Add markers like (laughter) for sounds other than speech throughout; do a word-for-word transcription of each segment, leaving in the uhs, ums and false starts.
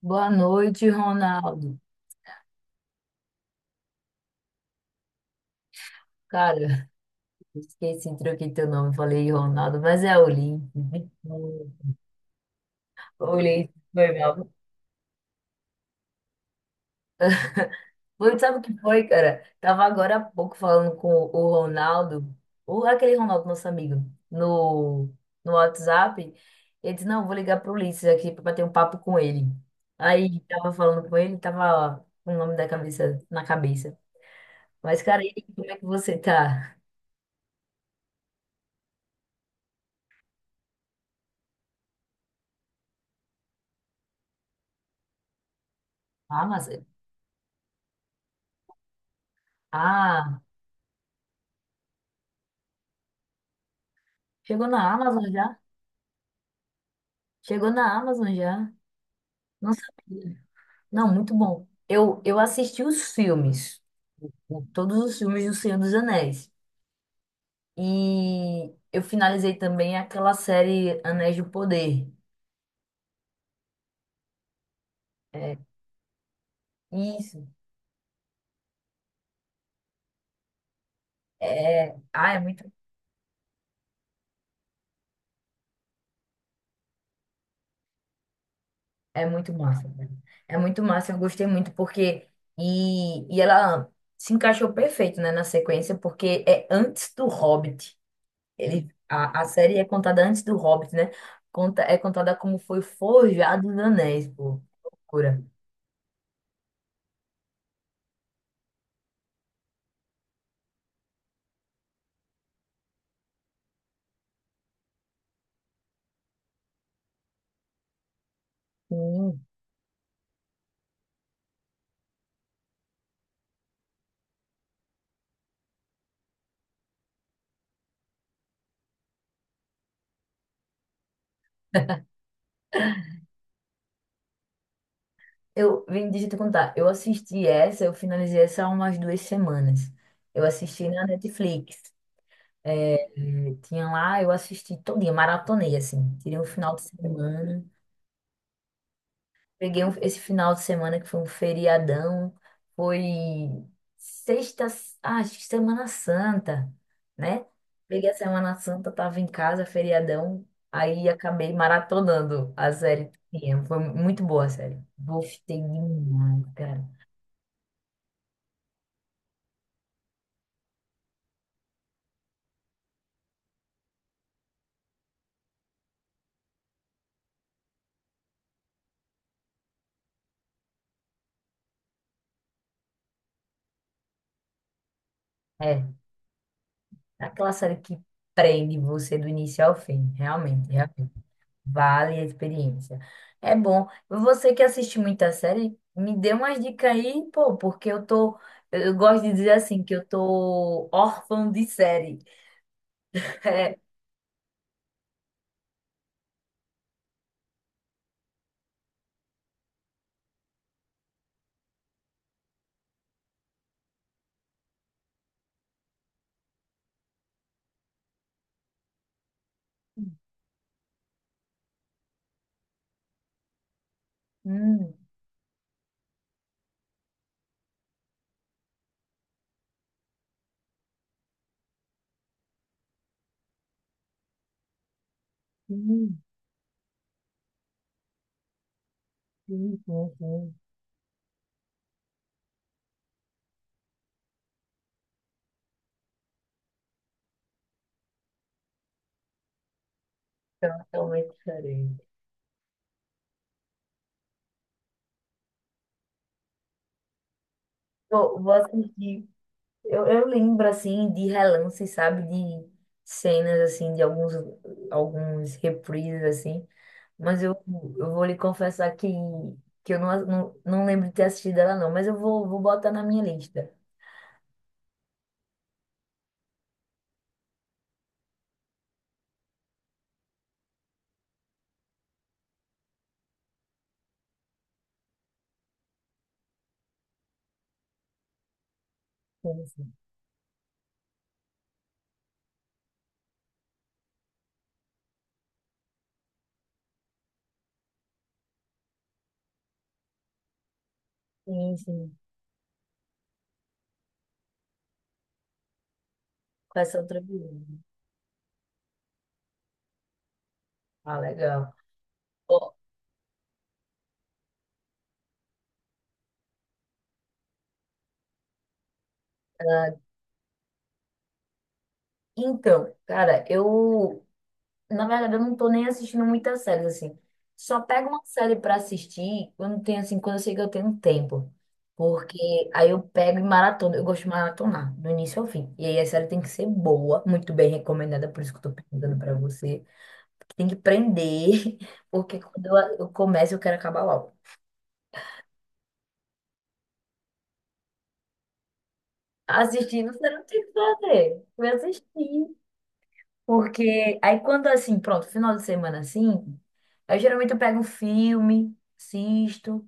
Boa noite, Ronaldo. Cara, esqueci, troquei teu nome, falei Ronaldo, mas é Olímpio. Olímpio, foi mal. Foi, sabe o que foi, cara? Tava agora há pouco falando com o Ronaldo, o, aquele Ronaldo, nosso amigo, no, no WhatsApp. Ele disse, não, vou ligar pro Ulisses aqui pra bater um papo com ele. Aí, tava falando com ele, tava com o nome da cabeça, na cabeça. Mas, cara, e aí, como é que você tá? Amazon? Ah, chegou na Amazon já? Chegou na Amazon já? Não sabia. Não, muito bom. Eu, eu assisti os filmes, o- todos os filmes do Senhor dos Anéis. E eu finalizei também aquela série Anéis do Poder. É, isso. É, ah, é muito, é muito massa, né? É muito massa, eu gostei muito porque e, e ela se encaixou perfeito, né, na sequência, porque é antes do Hobbit. Ele, a, a série é contada antes do Hobbit, né? Conta, é contada como foi forjado os anéis, pô. Loucura. Hum. Eu vim, deixa eu te contar. Eu assisti essa, eu finalizei essa há umas duas semanas. Eu assisti na Netflix. É, tinha lá, eu assisti todo dia, maratonei, assim. Tirei um final de semana. Peguei um- esse final de semana que foi um feriadão, foi sexta, ah, acho que Semana Santa, né? Peguei a Semana Santa, tava em casa, feriadão, aí acabei maratonando a série que tinha. Foi muito boa a série. Gostei demais, cara. É, aquela série que prende você do início ao fim, realmente. realmente. Vale a experiência. É bom. Você que assiste muita série, me dê umas dicas aí, pô, porque eu tô. Eu gosto de dizer assim, que eu tô órfão de série. (laughs) É. Hum, sim, sim, sim, sim. Totalmente diferente. Pô, vou assistir. Eu, eu lembro, assim, de relance, sabe? De cenas, assim, de alguns, alguns reprises, assim. Mas eu, eu vou lhe confessar que, que eu não, não, não lembro de ter assistido ela, não. Mas eu vou, vou botar na minha lista. Sim, sim. Sim, sim. Com essa outra beleza. Ah, legal. Ó, ah, então, cara, eu na verdade, eu não tô nem assistindo muitas séries, assim. Só pego uma série pra assistir quando tem, assim, quando eu sei que eu tenho tempo. Porque aí eu pego e maratona. Eu gosto de maratonar, do início ao fim. E aí a série tem que ser boa, muito bem recomendada, por isso que eu tô perguntando pra você. Tem que prender, (laughs) porque quando eu, eu começo, eu quero acabar logo. Assistindo, você não tem o que fazer. Vai assistir. Porque aí quando, assim, pronto, final de semana, assim, aí geralmente eu pego um filme, assisto.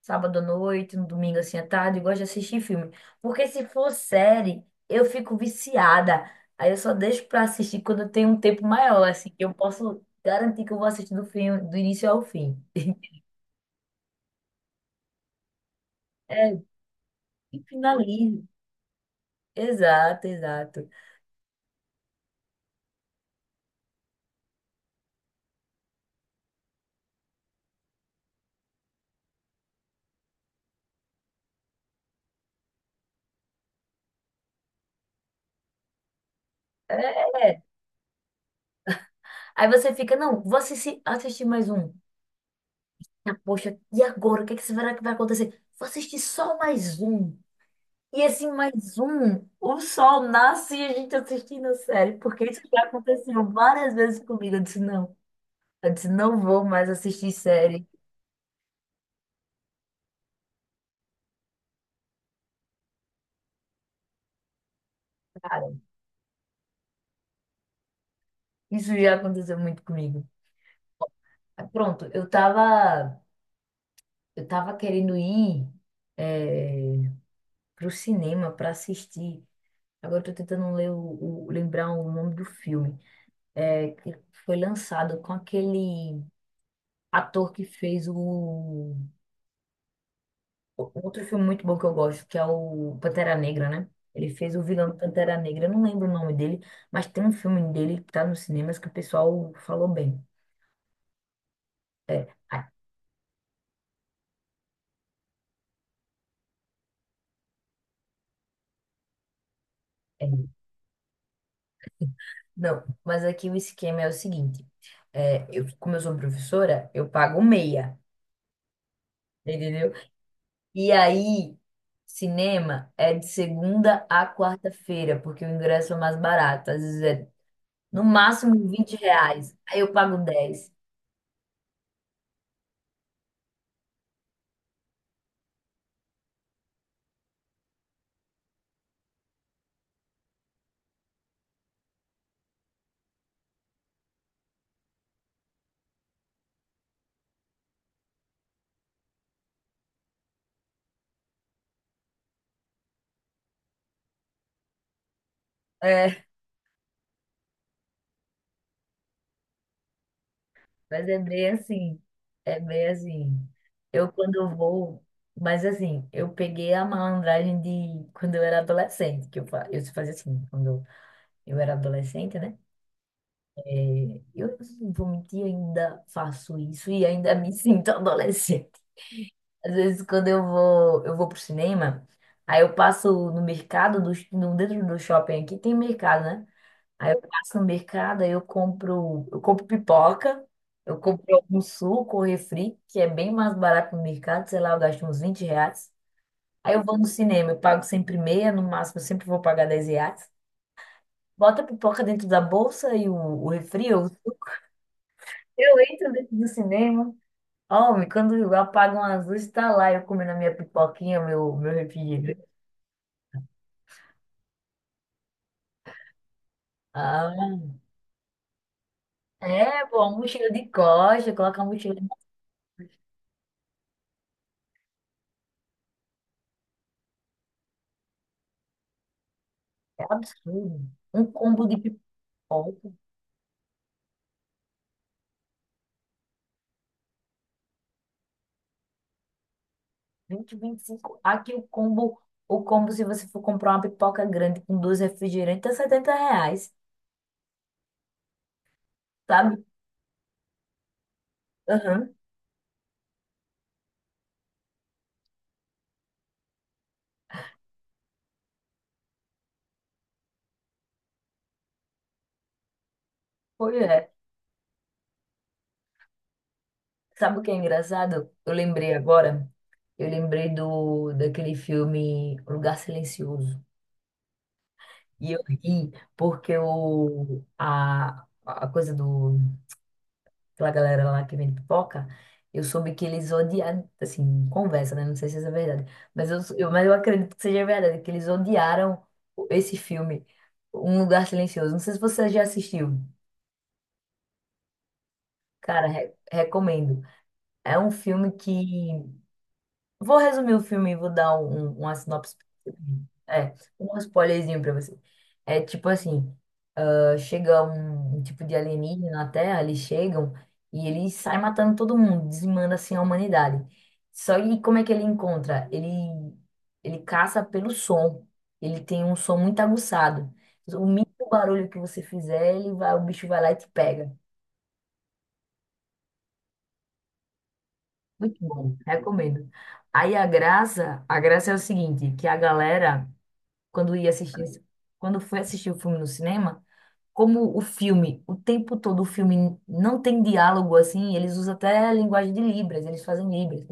Sábado à noite, no domingo assim à tarde, eu gosto de assistir filme. Porque se for série, eu fico viciada. Aí eu só deixo pra assistir quando eu tenho um tempo maior, assim, que eu posso garantir que eu vou assistir do filme, do início ao fim. É, e finalizo. Exato, exato. É. é. Aí você fica, não, vou assistir, assistir mais um. Ah, poxa, e agora? O que é que será que vai acontecer? Vou assistir só mais um. E assim, mais um, o sol nasce e a gente assistindo a série, porque isso já aconteceu várias vezes comigo. Eu disse, não, eu disse, não vou mais assistir série. Cara, isso já aconteceu muito comigo. Aí, pronto, eu tava, eu tava querendo ir é, pro cinema para assistir. Agora eu tô tentando ler o, o- lembrar o nome do filme, é, que foi lançado com aquele ator que fez o outro filme muito bom que eu gosto, que é o Pantera Negra, né? Ele fez o vilão do Pantera Negra, eu não lembro o nome dele, mas tem um filme dele que tá nos cinemas que o pessoal falou bem. Ah, é. Não, mas aqui o esquema é o seguinte: é, eu, como eu sou professora, eu pago meia, entendeu? E aí, cinema é de segunda a quarta-feira, porque o ingresso é mais barato, às vezes é no máximo vinte reais, aí eu pago dez. É. Mas é bem assim, é bem assim. Eu quando vou, mas assim, eu peguei a malandragem de quando eu era adolescente, que eu, fa- eu fazia assim, quando eu era adolescente, né? É, eu não vou mentir, ainda faço isso e ainda me (laughs) sinto adolescente. Às vezes quando eu vou, eu vou, pro cinema, aí eu passo no mercado, do, no, dentro do shopping aqui tem mercado, né? Aí eu passo no mercado, aí eu compro, eu compro pipoca, eu compro algum suco ou refri, que é bem mais barato no mercado, sei lá, eu gasto uns vinte reais. Aí eu vou no cinema, eu pago sempre meia, no máximo eu sempre vou pagar dez reais. Bota a pipoca dentro da bolsa e o, o refri ou o suco. Eu entro dentro do cinema. Homem, quando eu apagam as luzes, tá lá eu comendo a minha pipoquinha, meu, meu refrigerante. Ah, é, pô, a mochila de costa, coloca a mochila de costa. É absurdo. Um combo de pipoca. Vinte vinte e cinco Aqui o combo, o combo, se você for comprar uma pipoca grande com dois refrigerantes, é setenta reais, sabe? Aham, pois é. Sabe o que é engraçado? Eu lembrei agora, eu lembrei do daquele filme O Lugar Silencioso. E eu ri porque o, a, a coisa do aquela galera lá que vende pipoca, eu soube que eles odiaram, assim, conversa, né? Não sei se isso é verdade, mas eu, eu- mas eu acredito que seja verdade, que eles odiaram o- esse filme, Um Lugar Silencioso. Não sei se você já assistiu. Cara, re- recomendo. É um filme que... Vou resumir o filme e vou dar um, um- uma sinopse. É, um spoilerzinho pra você. É tipo assim, chega um, um tipo de alienígena na Terra, eles chegam e ele sai matando todo mundo, dizimando assim a humanidade. Só que como é que ele encontra? Ele, ele caça pelo som. Ele tem um som muito aguçado. O mínimo barulho que você fizer, ele vai, o bicho vai lá e te pega. Muito bom, recomendo. Aí a graça, a graça é o seguinte, que a galera, quando ia assistir, quando foi assistir o filme no cinema, como o filme, o tempo todo o filme não tem diálogo assim, eles usam até a linguagem de Libras, eles fazem Libras,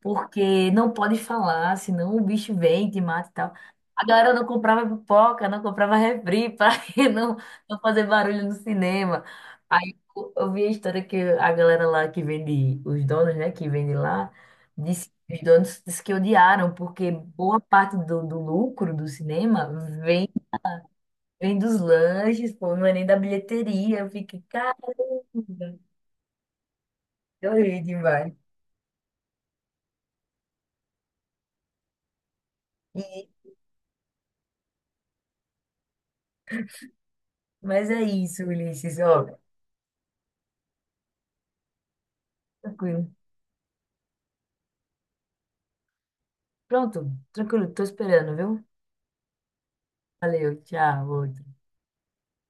porque não pode falar, senão o bicho vem, te mata e tal. A galera não comprava pipoca, não comprava refri (laughs) para não, não fazer barulho no cinema. Aí eu eu vi a história que a galera lá que vende, os donos, né, que vende lá, disse, os donos disse que odiaram, porque boa parte do, do lucro do cinema vem Vem dos lanches, pô, não é nem da bilheteria. Eu fiquei, caramba, eu ri demais. E, mas é isso, Ulisses, ó, tranquilo. Pronto, tranquilo, tô esperando, viu? Valeu, tchau.